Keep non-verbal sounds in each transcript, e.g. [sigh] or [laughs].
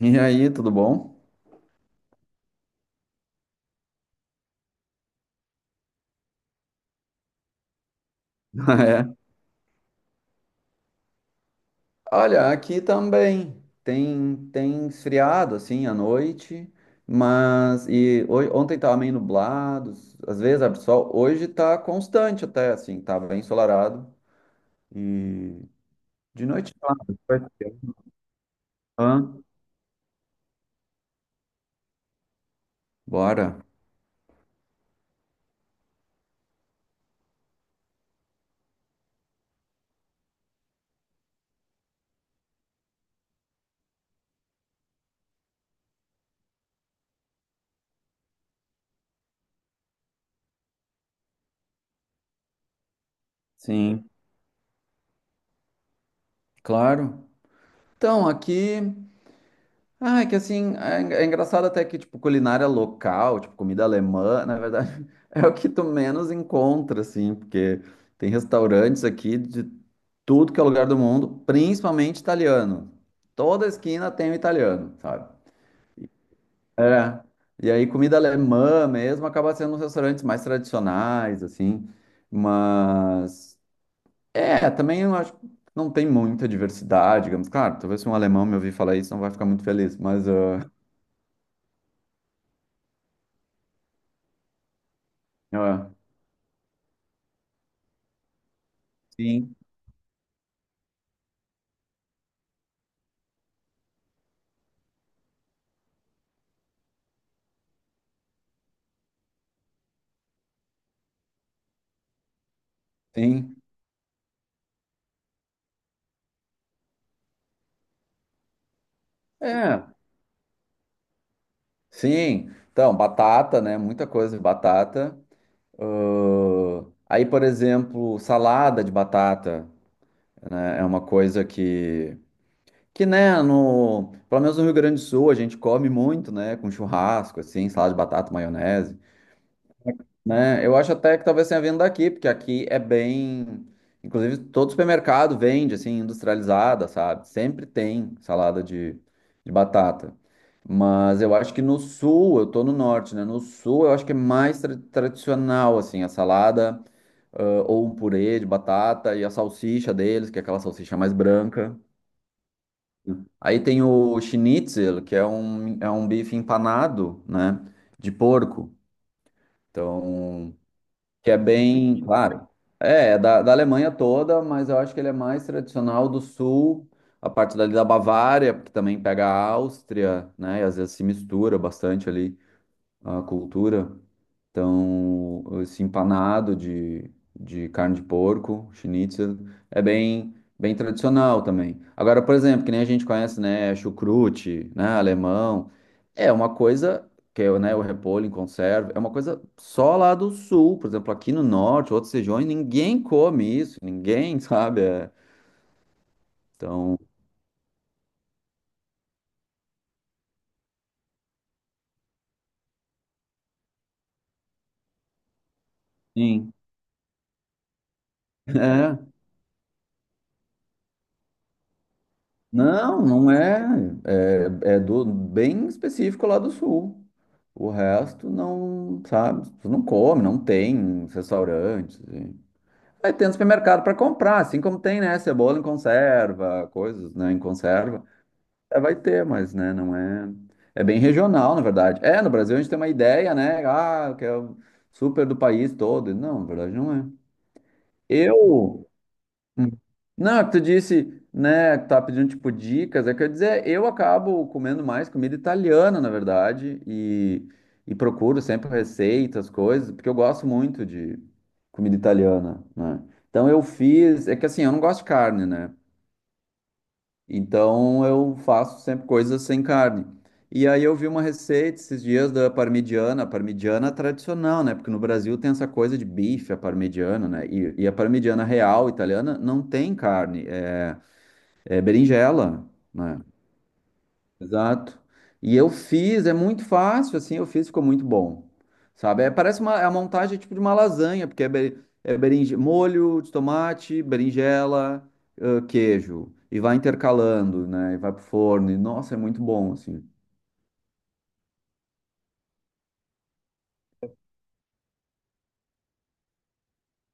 E aí, tudo bom? [laughs] É. Olha, aqui também tem esfriado assim à noite, mas ontem estava meio nublado, às vezes abre sol, hoje está constante até assim, tá bem ensolarado e de noite claro, vai ser. Hã? Bora. Sim, claro. Então, aqui. Ah, é que assim, é engraçado até que, tipo, culinária local, tipo, comida alemã, na verdade, [laughs] é o que tu menos encontra, assim, porque tem restaurantes aqui de tudo que é lugar do mundo, principalmente italiano. Toda esquina tem um italiano, sabe? É. E aí, comida alemã mesmo acaba sendo nos restaurantes mais tradicionais, assim, mas... É, também eu acho que não tem muita diversidade, digamos. Claro, talvez se um alemão me ouvir falar isso, não vai ficar muito feliz, mas... ah, é. Sim, sim. É, sim. Então, batata, né? Muita coisa de batata. Aí, por exemplo, salada de batata, né? É uma coisa que, né, no, pelo menos no Rio Grande do Sul, a gente come muito, né? Com churrasco, assim, salada de batata, maionese. Né? Eu acho até que talvez tenha vindo daqui, porque aqui é bem. Inclusive, todo supermercado vende, assim, industrializada, sabe? Sempre tem salada de batata. Mas eu acho que no sul, eu tô no norte, né? No sul, eu acho que é mais tradicional, assim, a salada, ah, ou um purê de batata e a salsicha deles, que é aquela salsicha mais branca. Aí tem o schnitzel, que é um bife empanado, né? De porco. Então. Que é bem, claro, é, é da, da Alemanha toda, mas eu acho que ele é mais tradicional do sul, a parte dali da Bavária, porque também pega a Áustria, né, e às vezes se mistura bastante ali a cultura. Então, esse empanado de carne de porco, schnitzel, é bem, bem tradicional também. Agora, por exemplo, que nem a gente conhece, né, chucrute, né, alemão, é uma coisa que é, né, o repolho em conserva, é uma coisa só lá do sul, por exemplo, aqui no norte, outras regiões, ninguém come isso, ninguém, [laughs] sabe? É, então, sim, [laughs] é. Não, não é. É, é do bem específico lá do sul. O resto não, sabe? Tu não come, não tem restaurantes. Aí tem no supermercado para comprar, assim como tem, né? Cebola em conserva, coisas, né? Em conserva. É, vai ter, mas, né? Não é. É bem regional, na verdade. É, no Brasil a gente tem uma ideia, né? Ah, que é o super do país todo. Não, na verdade não é. Eu. Hum. Não, é que tu disse, né, que tá pedindo tipo dicas, é que eu ia dizer, eu acabo comendo mais comida italiana, na verdade, e procuro sempre receitas, coisas, porque eu gosto muito de comida italiana, né? Então eu fiz, é que assim, eu não gosto de carne, né? Então eu faço sempre coisas sem carne. E aí eu vi uma receita esses dias da parmigiana, a parmigiana tradicional, né? Porque no Brasil tem essa coisa de bife, a parmigiana, né? E a parmigiana real italiana não tem carne, é berinjela, né? Exato. E eu fiz, é muito fácil, assim, eu fiz, ficou muito bom. Sabe? É, parece uma, é a montagem tipo de uma lasanha, porque é, é berinje, molho de tomate, berinjela, queijo. E vai intercalando, né? E vai pro forno. E, nossa, é muito bom, assim.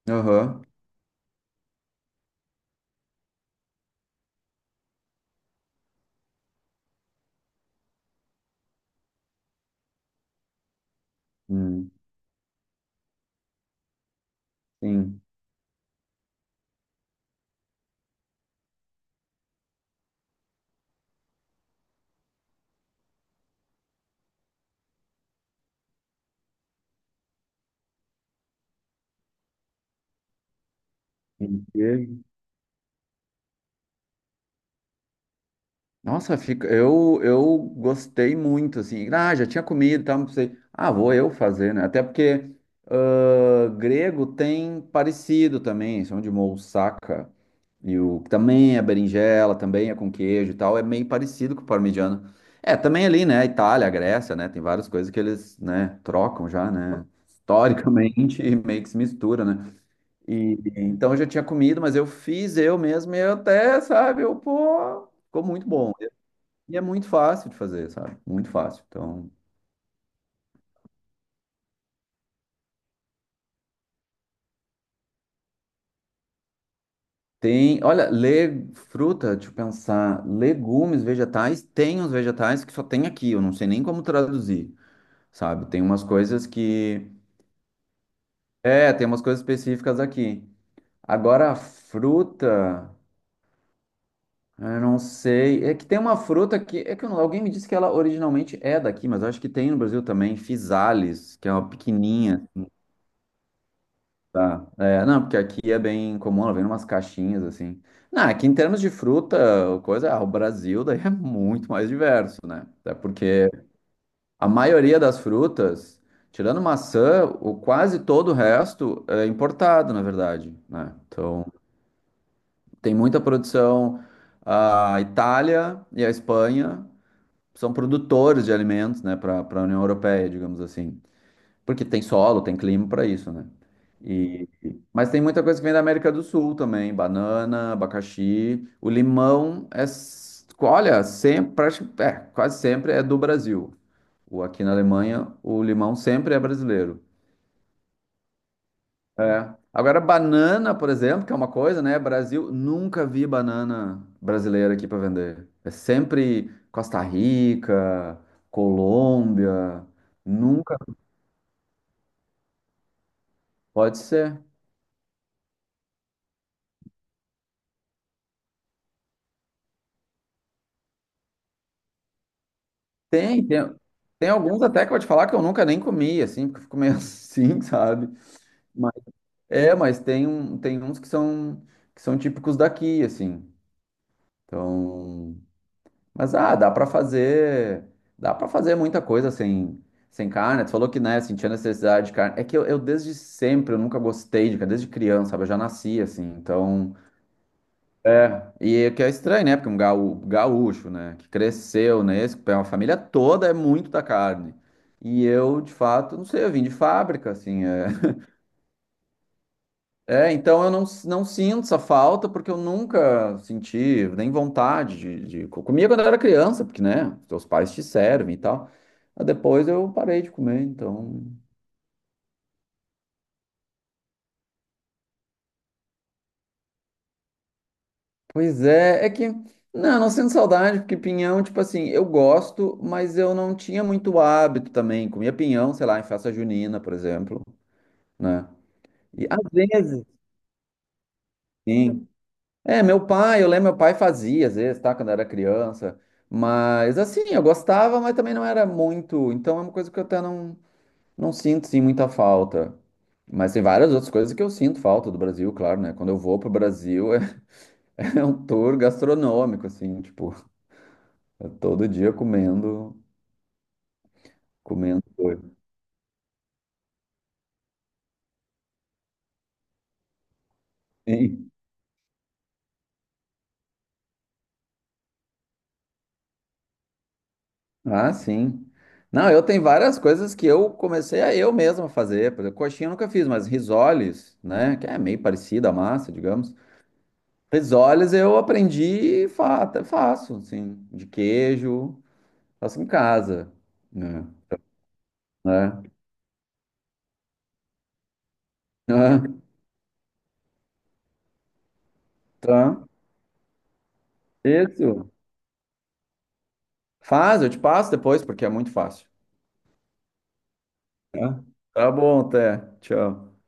Aham. Hum, sim. Sim. Nossa, fica, eu gostei muito, assim. Ah, já tinha comido e tal, não sei. Ah, vou eu fazer, né? Até porque ah, grego tem parecido também, são de moussaka. E o que também é berinjela, também é com queijo e tal, é meio parecido com o parmigiano. É, também ali, né? Itália, Grécia, né? Tem várias coisas que eles, né, trocam já, né? Historicamente, [laughs] e meio que se mistura, né? E então eu já tinha comido, mas eu fiz eu mesmo e eu até, sabe, eu, pô, ficou muito bom, e é muito fácil de fazer, sabe? Muito fácil. Então, tem, olha, le, fruta, deixa eu pensar, legumes, vegetais, tem uns vegetais que só tem aqui, eu não sei nem como traduzir, sabe? Tem umas coisas que, é, tem umas coisas específicas aqui. Agora, a fruta, eu não sei, é que tem uma fruta que, é que eu alguém me disse que ela originalmente é daqui, mas eu acho que tem no Brasil também, physalis, que é uma pequenininha. Tá. É, não, porque aqui é bem comum, ela vem umas caixinhas assim. Não, aqui em termos de fruta, coisa, ah, o Brasil [laughs] daí é muito mais diverso, né? Até porque a maioria das frutas, tirando maçã, o quase todo o resto é importado, na verdade, né? Então, tem muita produção. A Itália e a Espanha são produtores de alimentos, né, para a União Europeia, digamos assim. Porque tem solo, tem clima para isso, né? E, mas tem muita coisa que vem da América do Sul também, banana, abacaxi, o limão é, olha, sempre, é, quase sempre é do Brasil. O, aqui na Alemanha, o limão sempre é brasileiro. É. Agora, banana, por exemplo, que é uma coisa, né? Brasil, nunca vi banana brasileira aqui para vender. É sempre Costa Rica, Colômbia, nunca, pode ser. Tem, tem, tem alguns até que eu vou te falar que eu nunca nem comi, assim, porque eu fico meio [laughs] assim, sabe? Mas, é, mas tem, um, tem uns que são típicos daqui, assim. Então, mas ah, dá pra fazer, dá para fazer muita coisa sem, sem carne. Tu falou que, né, sentia necessidade de carne. É que eu desde sempre, eu nunca gostei de carne, desde criança, sabe? Eu já nasci, assim, então... É, e o que é estranho, né? Porque um gaúcho, né? Que cresceu nesse, que é uma família toda é muito da carne. E eu, de fato, não sei, eu vim de fábrica, assim. É, [laughs] é, então eu não, não sinto essa falta, porque eu nunca senti nem vontade de... Comia quando eu era criança, porque, né? Teus pais te servem e tal. Mas depois eu parei de comer, então. Pois é, é que não, não sinto saudade, porque pinhão, tipo assim, eu gosto, mas eu não tinha muito hábito também. Comia pinhão, sei lá, em festa junina, por exemplo, né? E às vezes, sim. É, meu pai, eu lembro, meu pai fazia às vezes, tá? Quando eu era criança. Mas assim, eu gostava, mas também não era muito. Então é uma coisa que eu até não, não sinto, sim, muita falta. Mas tem várias outras coisas que eu sinto falta do Brasil, claro, né? Quando eu vou pro Brasil, [laughs] é, é um tour gastronômico, assim, tipo. Eu todo dia comendo, comendo coisa. Sim. Ah, sim. Não, eu tenho várias coisas que eu comecei a eu mesmo fazer. Por exemplo, coxinha eu nunca fiz, mas risoles, né? Que é meio parecida a massa, digamos. Risoles eu aprendi e fa até faço, assim, de queijo, faço em casa, né? Né? [laughs] Ah. Tá. Isso. Faz, eu te passo depois, porque é muito fácil. Tá. Tá bom, até. Tchau.